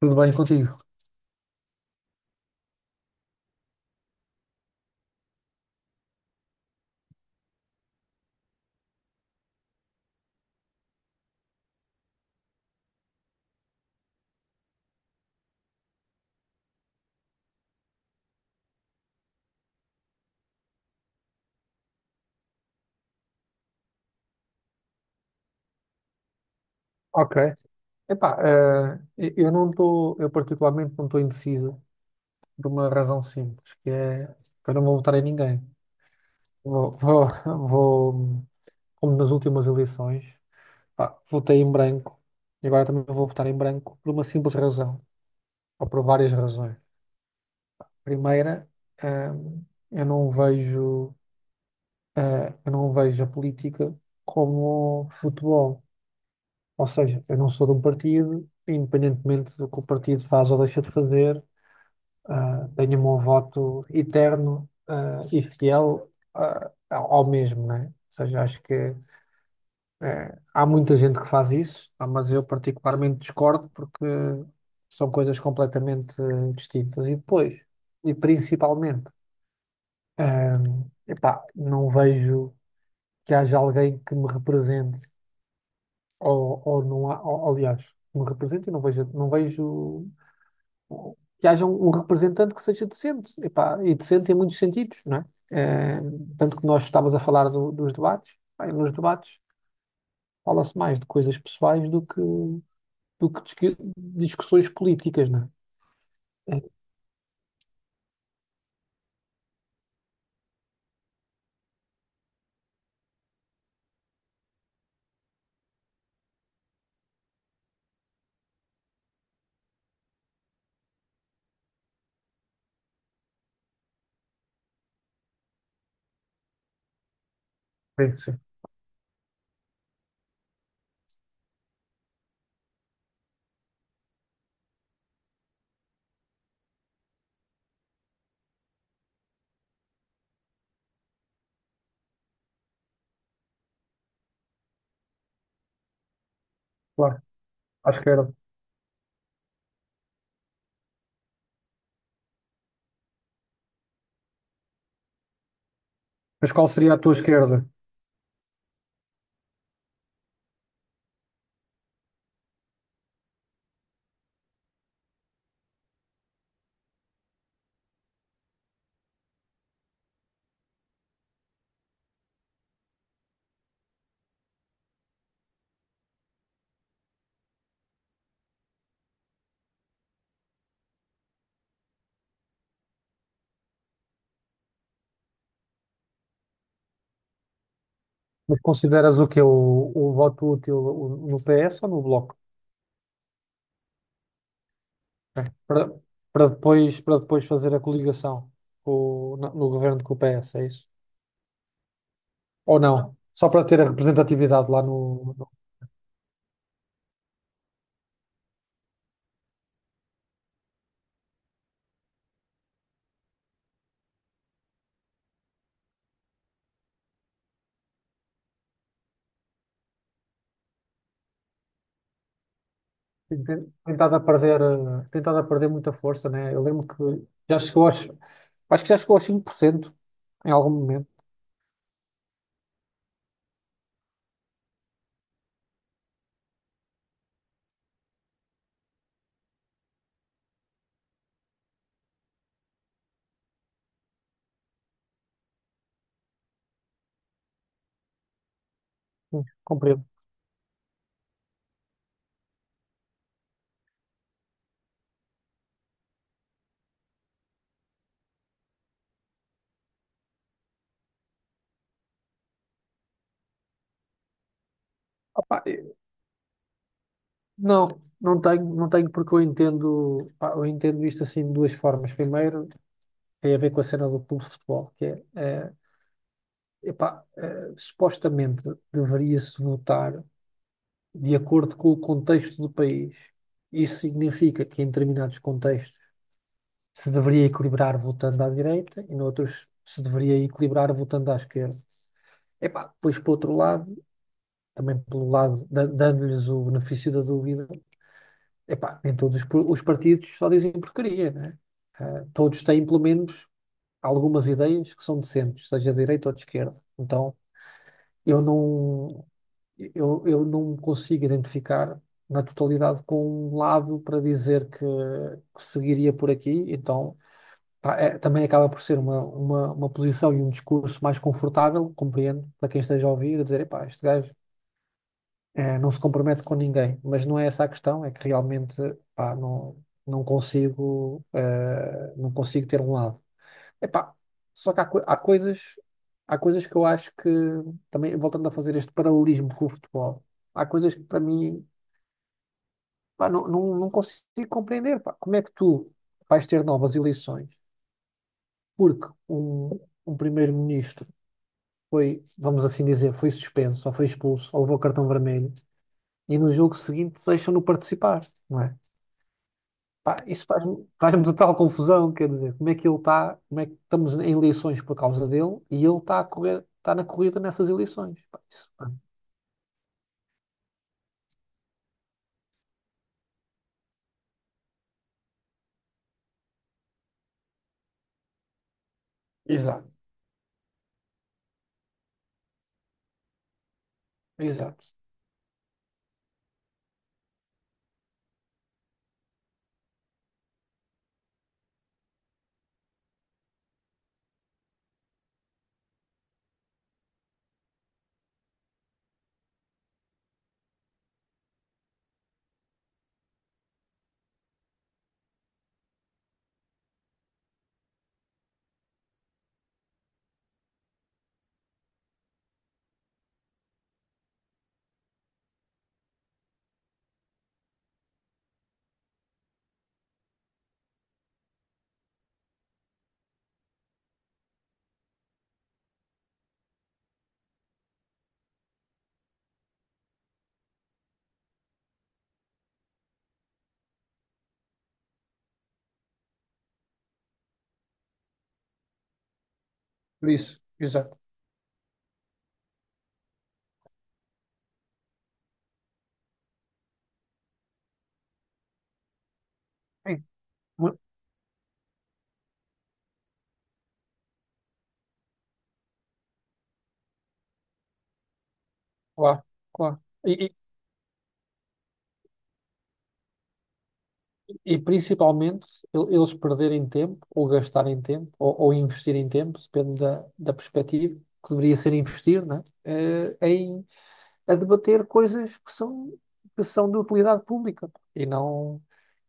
Tudo bem contigo? Ok. Epá, eu não estou, eu particularmente não estou indeciso por uma razão simples, que é que eu não vou votar em ninguém. Vou, vou, vou, como nas últimas eleições, pá, votei em branco e agora também vou votar em branco por uma simples razão, ou por várias razões. Primeira, eh, eu não vejo, eu não vejo a política como futebol. Ou seja, eu não sou de um partido, e independentemente do que o partido faz ou deixa de fazer, tenho o meu voto eterno, e fiel, ao mesmo, né? Ou seja, acho que há muita gente que faz isso, mas eu particularmente discordo porque são coisas completamente distintas. E depois, e principalmente, ah, epá, não vejo que haja alguém que me represente ou não há, ou, aliás, me representa e não vejo que haja um representante que seja decente. Epá, e decente em muitos sentidos, não é? Eh, tanto que nós estávamos a falar dos debates. Bem, nos debates fala-se mais de coisas pessoais do que discussões políticas, não é? Sim, sim, claro, à esquerda. Mas qual seria a tua esquerda? Mas consideras o voto útil no PS ou no Bloco? Para, para depois fazer a coligação com o- no, no governo com o PS, é isso? Ou não? Só para ter a representatividade lá no- tentado a perder, muita força, né? Eu lembro que já chegou aos, acho que já chegou aos 5% em algum momento. Sim, compreendo. Opa, não, não tenho porque eu entendo, pá, eu entendo isto assim de duas formas. Primeiro, tem a ver com a cena do clube de futebol, que é, supostamente deveria-se votar de acordo com o contexto do país. Isso significa que em determinados contextos se deveria equilibrar voltando à direita e noutros se deveria equilibrar voltando à esquerda. Epá, depois, por outro lado, também pelo lado, dando-lhes o benefício da dúvida, epá, nem todos os partidos só dizem porcaria, né? Todos têm, pelo menos, algumas ideias que são decentes, seja de direita ou de esquerda. Então, eu não, eu não me consigo identificar na totalidade com um lado para dizer que seguiria por aqui. Então pá, também acaba por ser uma posição e um discurso mais confortável, compreendo, para quem esteja a ouvir, a dizer, epá, este gajo não se compromete com ninguém, mas não é essa a questão, é que realmente, pá, não consigo, não consigo ter um lado. Epá, só que há coisas que eu acho que, também voltando a fazer este paralelismo com o futebol, há coisas que para mim, pá, não consigo compreender. Pá, como é que tu vais ter novas eleições, porque um primeiro-ministro foi, vamos assim dizer, foi suspenso, ou foi expulso, ou levou cartão vermelho, e no jogo seguinte deixam-no participar, não é? Pá, faz-me total confusão, quer dizer, como é que ele está, como é que estamos em eleições por causa dele e ele está a correr, está na corrida nessas eleições. Pá, isso, pá. Exato, exato. Por isso, exato. Sim, mu- claro, claro. E, E principalmente eles perderem tempo, ou gastarem tempo, ou investirem tempo, depende da perspectiva, que deveria ser investir, né? Em a debater coisas que são de utilidade pública e não,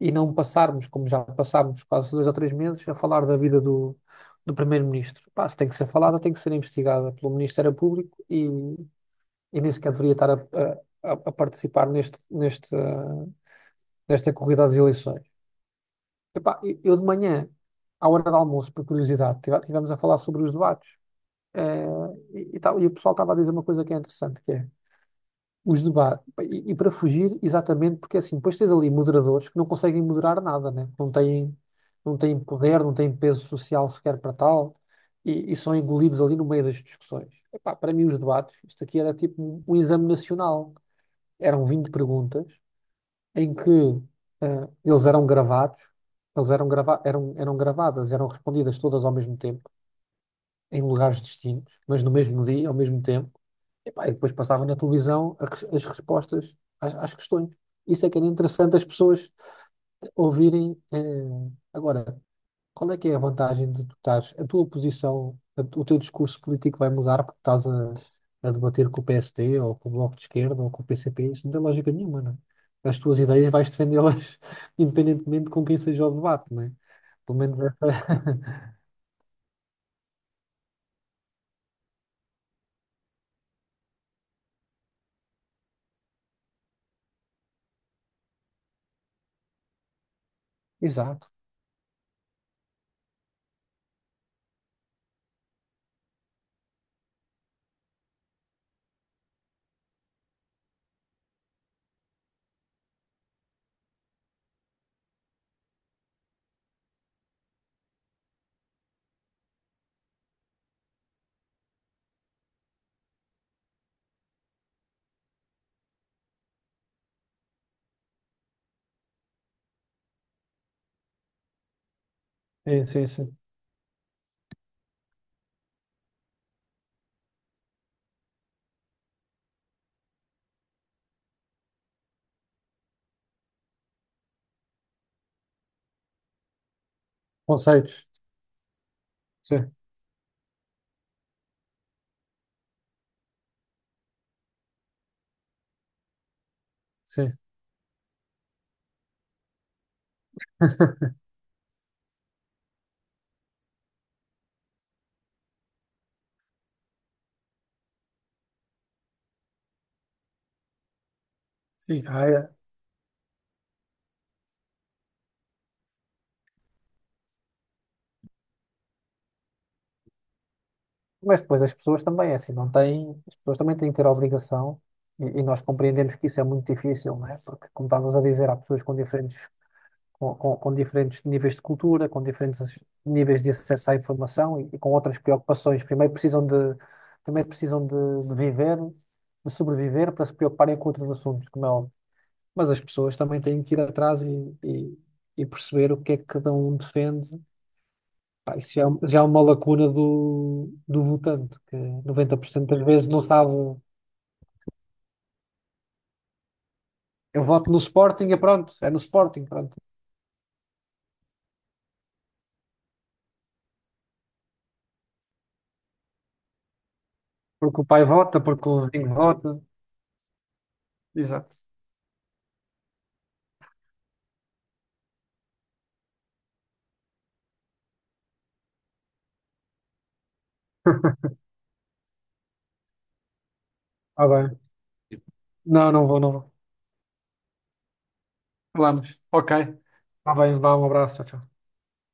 e não passarmos, como já passámos quase 2 ou 3 meses, a falar da vida do primeiro-ministro. Pá, se tem que ser falada, tem que ser investigada pelo Ministério Público e nem sequer deveria estar a participar nesta corrida às eleições. Epá, eu de manhã, à hora do almoço, por curiosidade, tivemos a falar sobre os debates. eh, e tal, e o pessoal estava a dizer uma coisa que é interessante, que é os debates, e para fugir, exatamente, porque assim, depois tens ali moderadores que não conseguem moderar nada, né? Não têm poder, não têm peso social sequer para tal, e são engolidos ali no meio das discussões. Epá, para mim os debates, isto aqui era tipo um exame nacional. Eram 20 perguntas, em que eles eram gravados, eles eram, grava eram, eram gravadas, eram respondidas todas ao mesmo tempo, em lugares distintos, mas no mesmo dia, ao mesmo tempo, e depois passava na televisão as respostas às questões. Isso é que era interessante as pessoas ouvirem. Agora, qual é que é a vantagem de tu estares, a tua posição, o teu discurso político vai mudar porque a debater com o PST ou com o Bloco de Esquerda ou com o PCP? Isso não tem lógica nenhuma, não é? As tuas ideias vais defendê-las independentemente com quem seja o debate, não é? Pelo menos essa... Exato. Sim, sim, sim. Conceitos. Sim, sim. Sim, ah, é. Mas depois as pessoas também, é assim, não têm, as pessoas também têm que ter a obrigação, e nós compreendemos que isso é muito difícil, não é? Porque, como estavas a dizer, há pessoas com diferentes com diferentes níveis de cultura, com diferentes níveis de acesso à informação e com outras preocupações. Primeiro precisam de viver, de sobreviver para se preocuparem com outros assuntos, como é óbvio. Mas as pessoas também têm que ir atrás e perceber o que é que cada um defende. Pá, é já é uma lacuna do votante, que 90% das vezes não sabe. Eu voto no Sporting e pronto, é no Sporting, pronto. Porque o pai vota, porque o vizinho vota. Exato. Ah, bem. Não, não vou, não vou. Falamos. Ok. Tá bem, vá, um abraço. Tchau, tchau.